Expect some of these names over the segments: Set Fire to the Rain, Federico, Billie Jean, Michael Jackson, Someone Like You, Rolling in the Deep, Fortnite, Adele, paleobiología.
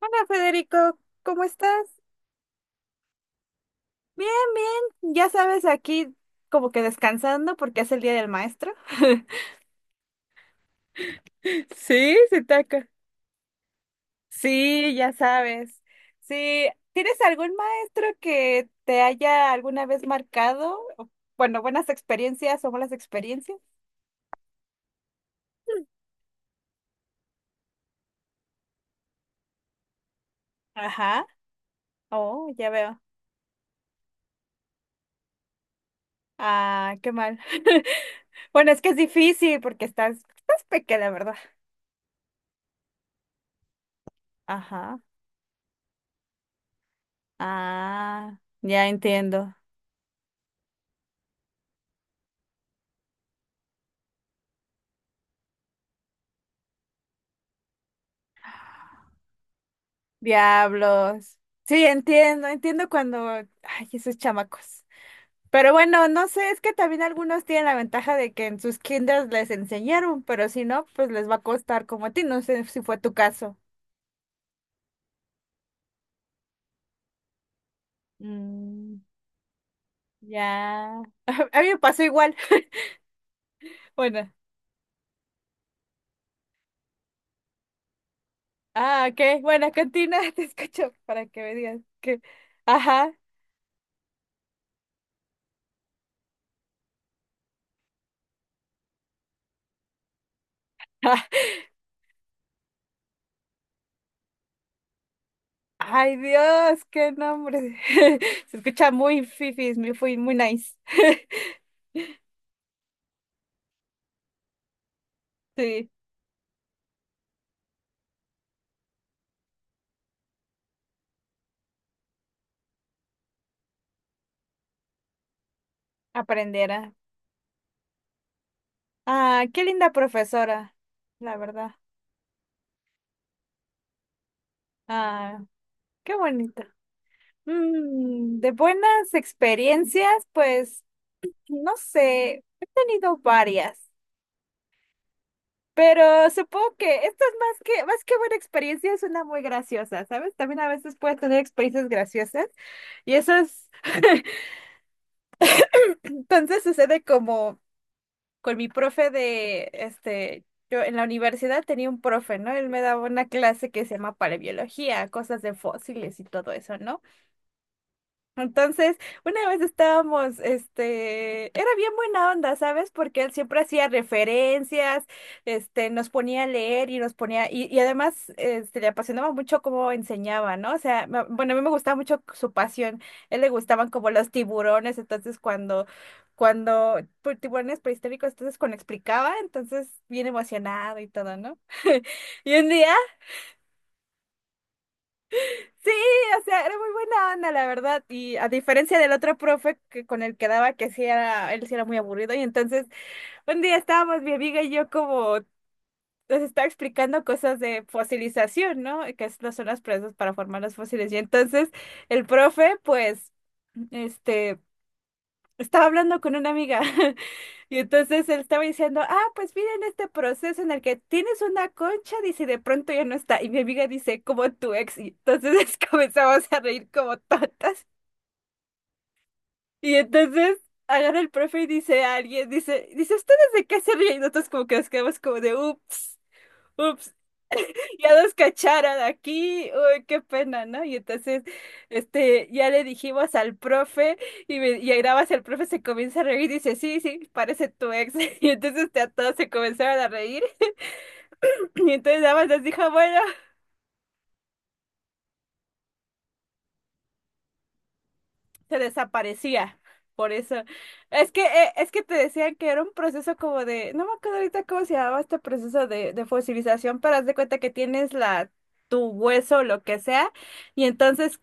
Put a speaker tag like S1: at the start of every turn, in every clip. S1: Hola Federico, ¿cómo estás? Bien, bien, ya sabes, aquí como que descansando porque es el Día del Maestro. Sí, se taca. Sí, ya sabes. Sí, ¿tienes algún maestro que te haya alguna vez marcado? O, bueno, buenas experiencias o malas experiencias. Ajá. Oh, ya veo. Ah, qué mal. Bueno, es que es difícil porque estás pequeña, ¿verdad? Ajá. Ah, ya entiendo. Diablos. Sí, entiendo, entiendo cuando, ay, esos chamacos. Pero bueno, no sé, es que también algunos tienen la ventaja de que en sus kinders les enseñaron, pero si no, pues les va a costar como a ti, no sé si fue tu caso. Mm, ya. A mí me pasó igual. Bueno. Ah, ok. Bueno, cantina, te escucho para que me digas que. Ajá. Ay, Dios, qué nombre. Se escucha muy fifis, muy, fui- muy nice. Sí. Aprendiera. Ah, qué linda profesora, la verdad. Ah, qué bonito. Mm, de buenas experiencias, pues, no sé, he tenido varias, pero supongo que esto es más que buena experiencia, es una muy graciosa, ¿sabes? También a veces puedes tener experiencias graciosas y eso es, entonces sucede como... Con mi profe de, yo en la universidad tenía un profe, ¿no? Él me daba una clase que se llama paleobiología, cosas de fósiles y todo eso, ¿no? Entonces, una vez estábamos, era bien buena onda, ¿sabes? Porque él siempre hacía referencias, nos ponía a leer y nos ponía, y además, le apasionaba mucho cómo enseñaba, ¿no? O sea, me- bueno, a mí me gustaba mucho su pasión, a él le gustaban como los tiburones, entonces cuando, cuando, pues, tiburones prehistóricos, entonces cuando explicaba, entonces bien emocionado y todo, ¿no? Y un día sí, o sea, era muy buena onda, la verdad. Y a diferencia del otro profe que con el que daba, que sí era, él sí era muy aburrido. Y entonces, un día estábamos mi amiga y yo como les estaba explicando cosas de fosilización, ¿no? Que es- son las presas para formar los fósiles. Y entonces el profe, pues, este estaba hablando con una amiga. Y entonces él estaba diciendo, ah, pues miren este proceso en el que tienes una concha, dice, y de pronto ya no está. Y mi amiga dice, como tu ex. Y entonces comenzamos a reír como tontas. Y entonces agarra el profe y dice a alguien, dice, ¿ustedes de qué se ríen? Y nosotros como que nos quedamos como de, ups, ups, ya nos cacharon aquí, uy, qué pena, ¿no? Y entonces, ya le dijimos al profe y, me, y ahí nada más el profe se comienza a reír y dice, sí, sí, parece tu ex. Y entonces a todos se comenzaron a reír y entonces nada más nos dijo, bueno. Se desaparecía. Por eso, es que te decían que era un proceso como de, no me acuerdo ahorita cómo se llamaba este proceso de fosilización, pero haz de cuenta que tienes la, tu hueso o lo que sea, y entonces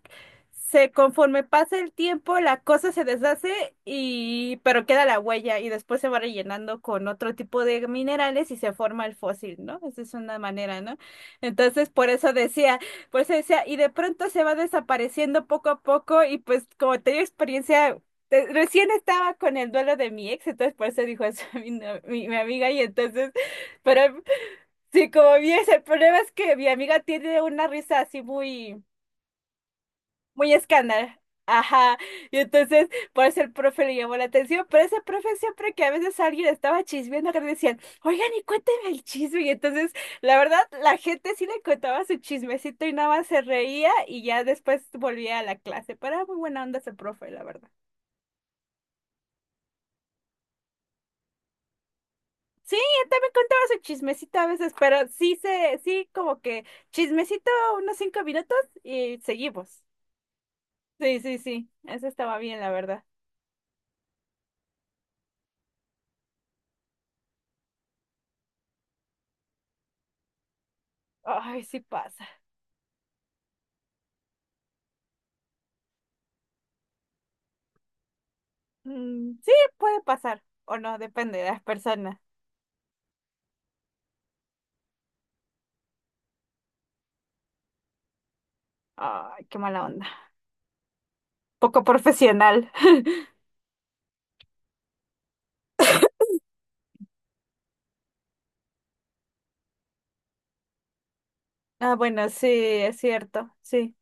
S1: se, conforme pasa el tiempo, la cosa se deshace y, pero queda la huella y después se va rellenando con otro tipo de minerales y se forma el fósil, ¿no? Esa es una manera, ¿no? Entonces, por eso decía pues se decía, y de pronto se va desapareciendo poco a poco y pues como tenía experiencia, te- recién estaba con el duelo de mi ex, entonces por eso dijo eso a mi, no- mi amiga y entonces, pero sí, como vi ese, el problema es que mi amiga tiene una risa así muy muy escándalo. Ajá. Y entonces, por eso el profe le llamó la atención, pero ese profe siempre que a veces alguien estaba chismeando, que le decían, oigan, y cuénteme el chisme. Y entonces, la verdad, la gente sí le contaba su chismecito y nada más se reía y ya después volvía a la clase. Pero era muy buena onda ese profe, la verdad. Sí, él también contaba su chismecito a veces, pero sí se, sí como que chismecito unos 5 minutos y seguimos. Sí, sí, sí, eso estaba bien, la verdad. Ay, sí pasa. Mm, sí, puede pasar. O no, depende de las personas. Ay, qué mala onda. Poco profesional. Ah, bueno, sí, es cierto. Sí.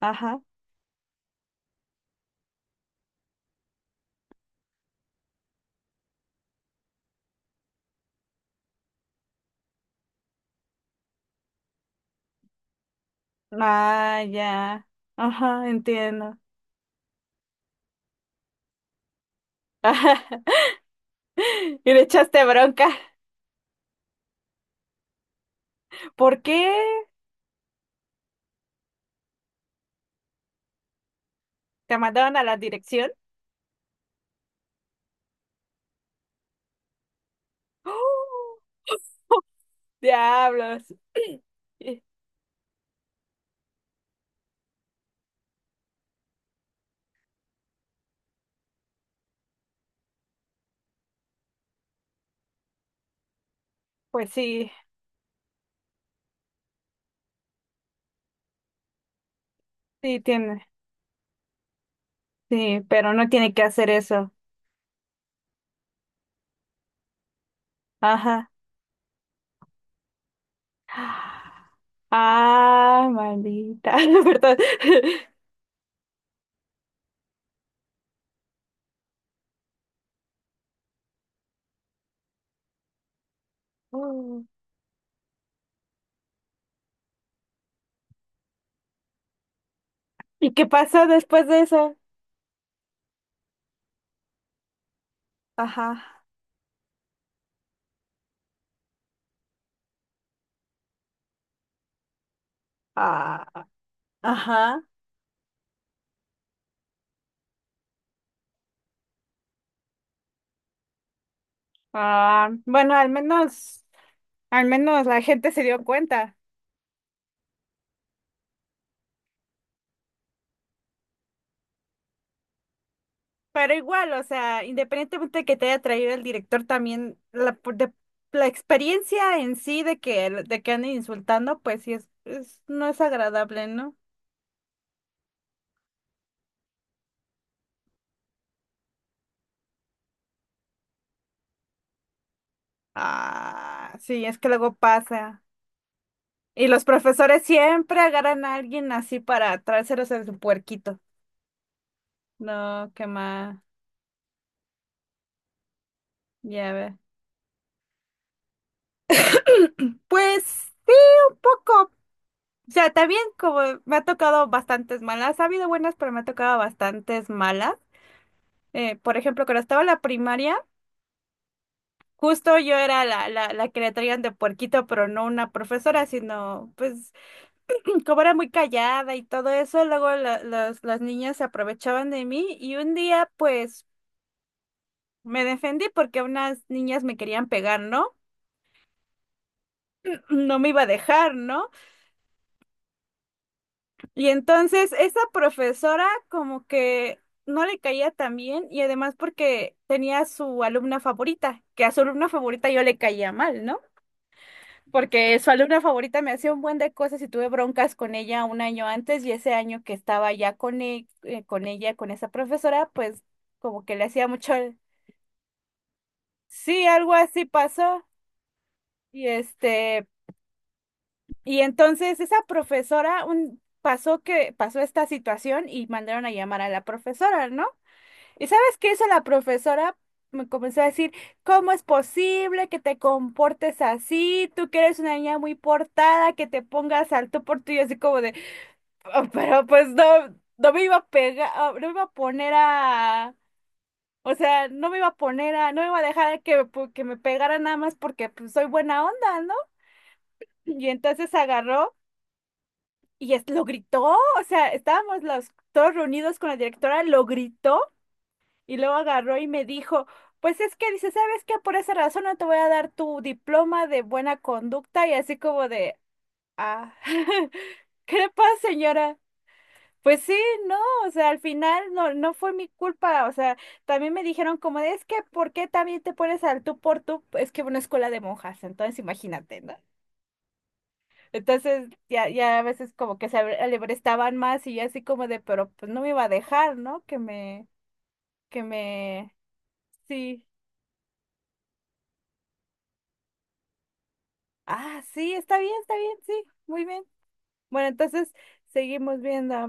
S1: Ajá. Ah, ya. Ajá, entiendo. Y le echaste bronca. ¿Por qué? ¿Te mandaron a la dirección? ¡Oh! Diablos. Eh, pues sí, sí tiene. Sí, pero no tiene que hacer eso. Ajá. Ah, maldita, perdón. Mm. ¿Y qué pasó después de eso? Ajá. Ah, ajá. Ah, bueno, al menos la gente se dio cuenta. Pero igual, o sea, independientemente de que te haya traído el director, también la, por- de- la experiencia en sí de que anden insultando, pues sí es- no es agradable, ¿no? Ah, sí, es que luego pasa. Y los profesores siempre agarran a alguien así para traérselos en su puerquito. No, qué más. Ya ve. Pues sí, un poco. O sea, también como me ha tocado bastantes malas. Ha habido buenas, pero me ha tocado bastantes malas. Por ejemplo, cuando estaba en la primaria, justo yo era la que le traían de puerquito, pero no una profesora, sino pues como era muy callada y todo eso, luego la- las niñas se aprovechaban de mí y un día pues me defendí porque unas niñas me querían pegar, ¿no? No me iba a dejar, ¿no? Y entonces esa profesora como que no le caía tan bien y además porque tenía su alumna favorita, que a su alumna favorita yo le caía mal, ¿no? Porque su alumna favorita me hacía un buen de cosas y tuve broncas con ella un año antes y ese año que estaba ya con, e- con ella, con esa profesora, pues como que le hacía mucho... el- Sí, algo así pasó. Y y entonces esa profesora un, pasó que pasó esta situación y mandaron a llamar a la profesora, ¿no? ¿Y sabes qué hizo la profesora? Me comenzó a decir, ¿cómo es posible que te comportes así? Tú que eres una niña muy portada, que te pongas al tú por tú y así como de, "Oh, pero pues no, no me iba a pegar, ah, no me iba a poner a, o sea, no me iba a poner a, no me iba a dejar que, pu- que me pegara nada más porque pues, soy buena onda, ¿no? Y entonces agarró y es- lo gritó, o sea, estábamos los todos reunidos con la directora, lo gritó. Y luego agarró y me dijo, pues es que dice, ¿sabes qué? Por esa razón no te voy a dar tu diploma de buena conducta y así como de, ah, ¿qué le pasa, señora? Pues sí, no, o sea, al final no, no fue mi culpa, o sea, también me dijeron como de, es que, ¿por qué también te pones al tú por tú? Es que una escuela de monjas, entonces imagínate, ¿no? Entonces ya, ya a veces como que se estaban más y yo así como de, pero pues no me iba a dejar, ¿no? Que me, sí. Ah, sí, está bien, sí, muy bien. Bueno, entonces seguimos viendo.